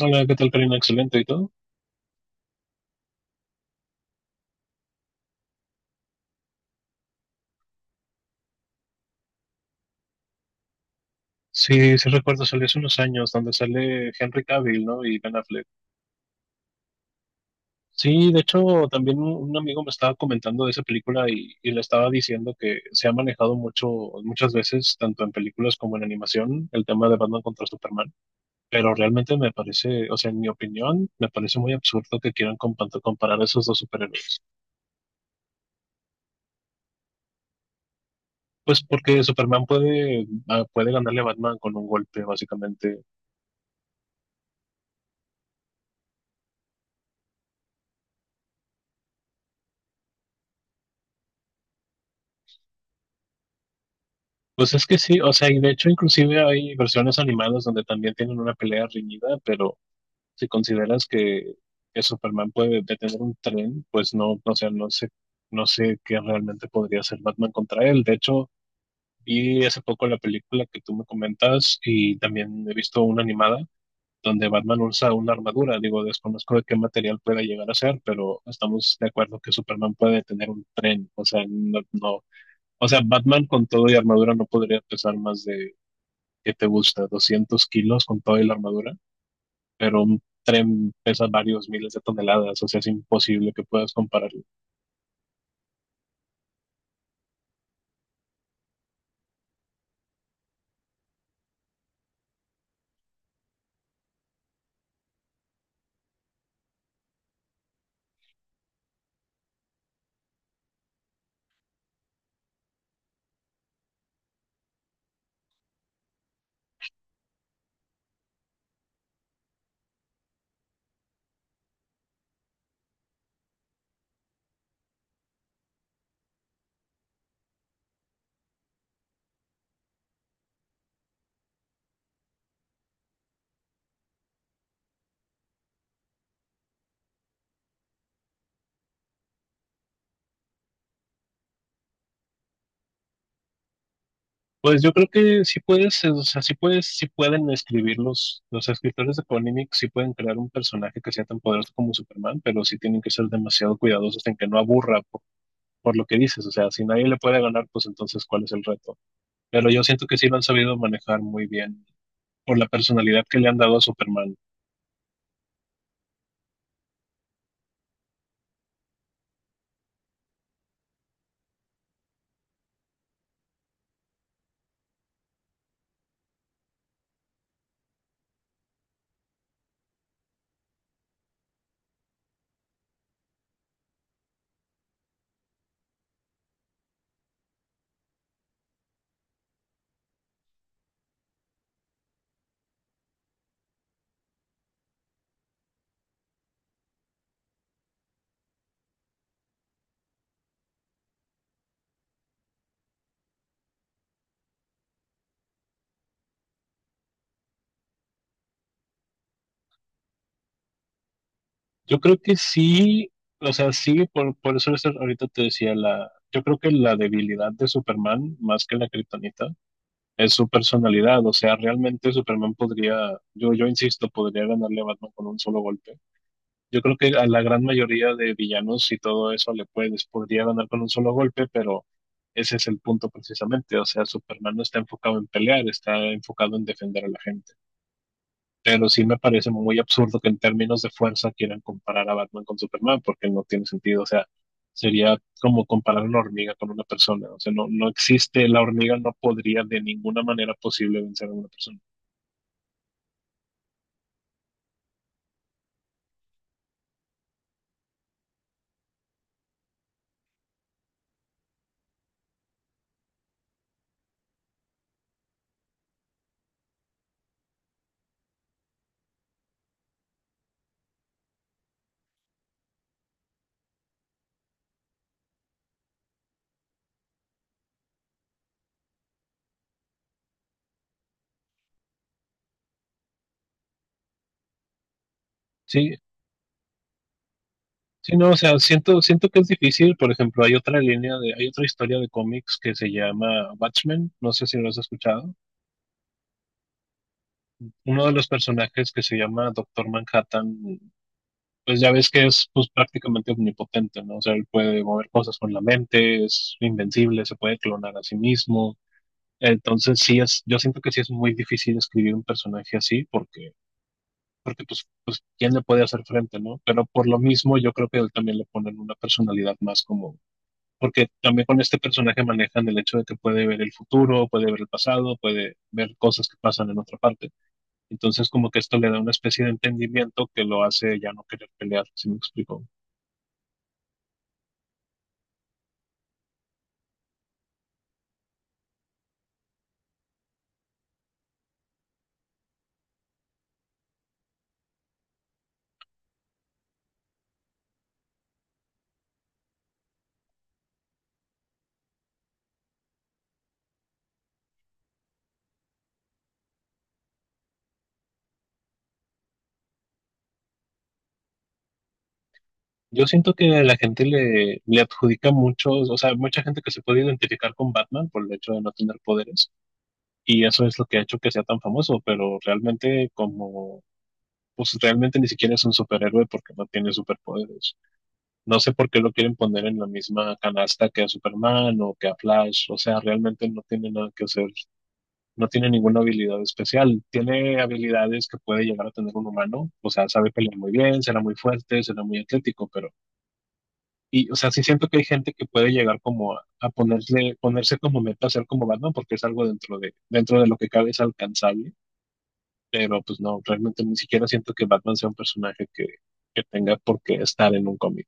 Hola, ¿qué tal, Karina? Excelente, ¿y todo? Sí, sí recuerdo, salió hace unos años, donde sale Henry Cavill, ¿no? Y Ben Affleck. Sí, de hecho, también un amigo me estaba comentando de esa película y le estaba diciendo que se ha manejado mucho, muchas veces, tanto en películas como en animación, el tema de Batman contra Superman. Pero realmente me parece, o sea, en mi opinión, me parece muy absurdo que quieran comparar a esos dos superhéroes. Pues porque Superman puede ganarle a Batman con un golpe, básicamente. Pues es que sí, o sea, y de hecho inclusive hay versiones animadas donde también tienen una pelea reñida, pero si consideras que Superman puede detener un tren, pues no, o sea, no sé, no sé qué realmente podría hacer Batman contra él. De hecho, vi hace poco la película que tú me comentas y también he visto una animada donde Batman usa una armadura. Digo, desconozco de qué material pueda llegar a ser, pero estamos de acuerdo que Superman puede detener un tren, o sea, no, no. O sea, Batman con todo y armadura no podría pesar más de que te gusta 200 kilos con toda la armadura, pero un tren pesa varios miles de toneladas, o sea, es imposible que puedas compararlo. Pues yo creo que sí puedes, o sea, sí puedes, sí pueden escribirlos, los escritores de Panini sí pueden crear un personaje que sea tan poderoso como Superman, pero sí tienen que ser demasiado cuidadosos en que no aburra por lo que dices, o sea, si nadie le puede ganar, pues entonces, ¿cuál es el reto? Pero yo siento que sí lo han sabido manejar muy bien por la personalidad que le han dado a Superman. Yo creo que sí, o sea, sí, por eso ahorita te decía la, yo creo que la debilidad de Superman, más que la kriptonita, es su personalidad. O sea, realmente Superman podría, yo insisto, podría ganarle a Batman con un solo golpe. Yo creo que a la gran mayoría de villanos y todo eso le puedes, podría ganar con un solo golpe, pero ese es el punto precisamente. O sea, Superman no está enfocado en pelear, está enfocado en defender a la gente. Pero sí me parece muy absurdo que en términos de fuerza quieran comparar a Batman con Superman, porque no tiene sentido. O sea, sería como comparar una hormiga con una persona. O sea, no, no existe, la hormiga no podría de ninguna manera posible vencer a una persona. Sí, sí, no, o sea, siento que es difícil. Por ejemplo, hay otra línea de, hay otra historia de cómics que se llama Watchmen, no sé si lo has escuchado. Uno de los personajes que se llama Doctor Manhattan pues ya ves que es pues, prácticamente omnipotente, ¿no? O sea, él puede mover cosas con la mente, es invencible, se puede clonar a sí mismo. Entonces sí es, yo siento que sí es muy difícil escribir un personaje así porque pues, pues quién le puede hacer frente, ¿no? Pero por lo mismo yo creo que él también le ponen una personalidad más como, porque también con este personaje manejan el hecho de que puede ver el futuro, puede ver el pasado, puede ver cosas que pasan en otra parte. Entonces como que esto le da una especie de entendimiento que lo hace ya no querer pelear, si me explico. Yo siento que a la gente le adjudica muchos, o sea, mucha gente que se puede identificar con Batman por el hecho de no tener poderes, y eso es lo que ha hecho que sea tan famoso, pero realmente como, pues realmente ni siquiera es un superhéroe porque no tiene superpoderes. No sé por qué lo quieren poner en la misma canasta que a Superman o que a Flash, o sea, realmente no tiene nada que hacer, no tiene ninguna habilidad especial, tiene habilidades que puede llegar a tener un humano, o sea, sabe pelear muy bien, será muy fuerte, será muy atlético, pero y, o sea, sí siento que hay gente que puede llegar como a ponerse, ponerse como meta hacer como Batman porque es algo dentro de lo que cabe es alcanzable, pero pues no, realmente ni siquiera siento que Batman sea un personaje que tenga por qué estar en un cómic.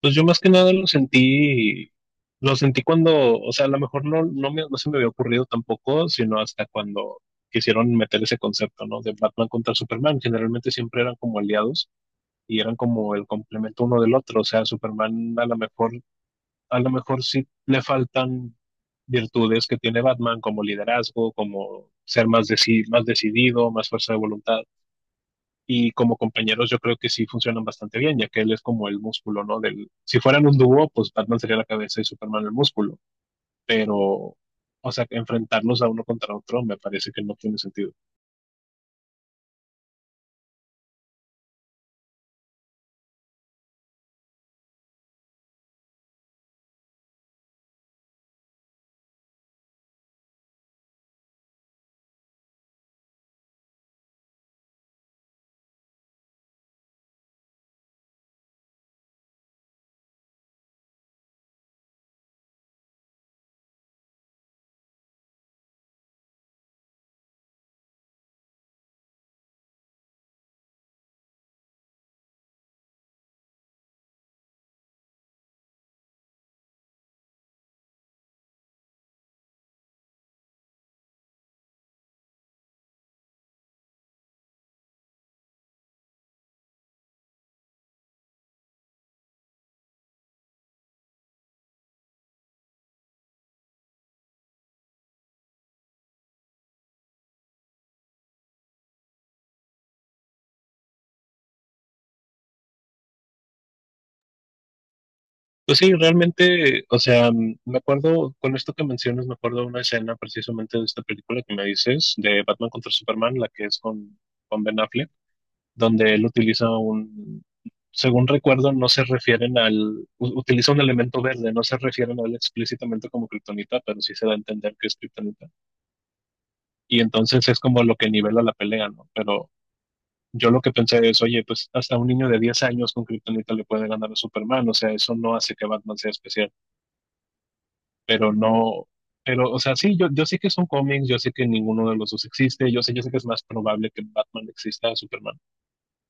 Pues yo más que nada lo sentí, lo sentí cuando, o sea, a lo mejor no, no, no se me había ocurrido tampoco, sino hasta cuando quisieron meter ese concepto, ¿no? De Batman contra Superman. Generalmente siempre eran como aliados y eran como el complemento uno del otro. O sea, Superman a lo mejor sí le faltan virtudes que tiene Batman, como liderazgo, como ser más, más decidido, más fuerza de voluntad. Y como compañeros yo creo que sí funcionan bastante bien, ya que él es como el músculo, ¿no? Del, si fueran un dúo, pues Batman sería la cabeza y Superman el músculo. Pero, o sea, enfrentarnos a uno contra otro me parece que no tiene sentido. Pues sí, realmente, o sea, me acuerdo, con esto que mencionas, me acuerdo de una escena precisamente de esta película que me dices, de Batman contra Superman, la que es con, Ben Affleck donde él utiliza un, según recuerdo, no se refieren al, utiliza un elemento verde, no se refieren a él explícitamente como kriptonita, pero sí se da a entender que es kriptonita. Y entonces es como lo que nivela la pelea, ¿no? Pero yo lo que pensé es, oye, pues hasta un niño de 10 años con kriptonita le puede ganar a Superman, o sea, eso no hace que Batman sea especial, pero no... Pero, o sea, sí, yo sé que son cómics, yo sé que ninguno de los dos existe, yo sé que es más probable que Batman exista a Superman,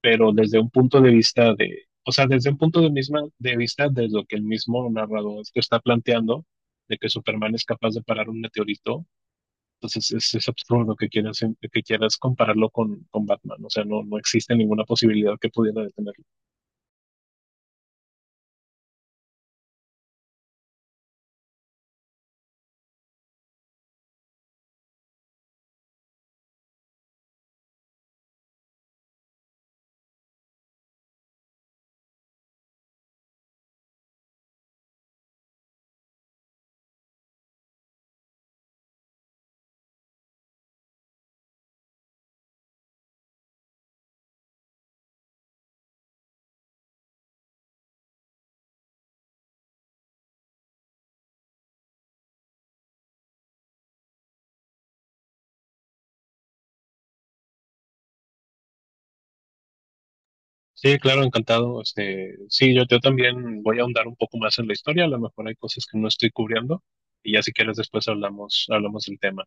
pero desde un punto de vista de, o sea, desde un punto de, misma, de vista de lo que el mismo narrador te está planteando, de que Superman es capaz de parar un meteorito, entonces es absurdo que quieras, compararlo con Batman, o sea, no, no existe ninguna posibilidad que pudiera detenerlo. Sí, claro, encantado. Este, sí, yo también voy a ahondar un poco más en la historia, a lo mejor hay cosas que no estoy cubriendo, y ya si quieres después hablamos, hablamos del tema.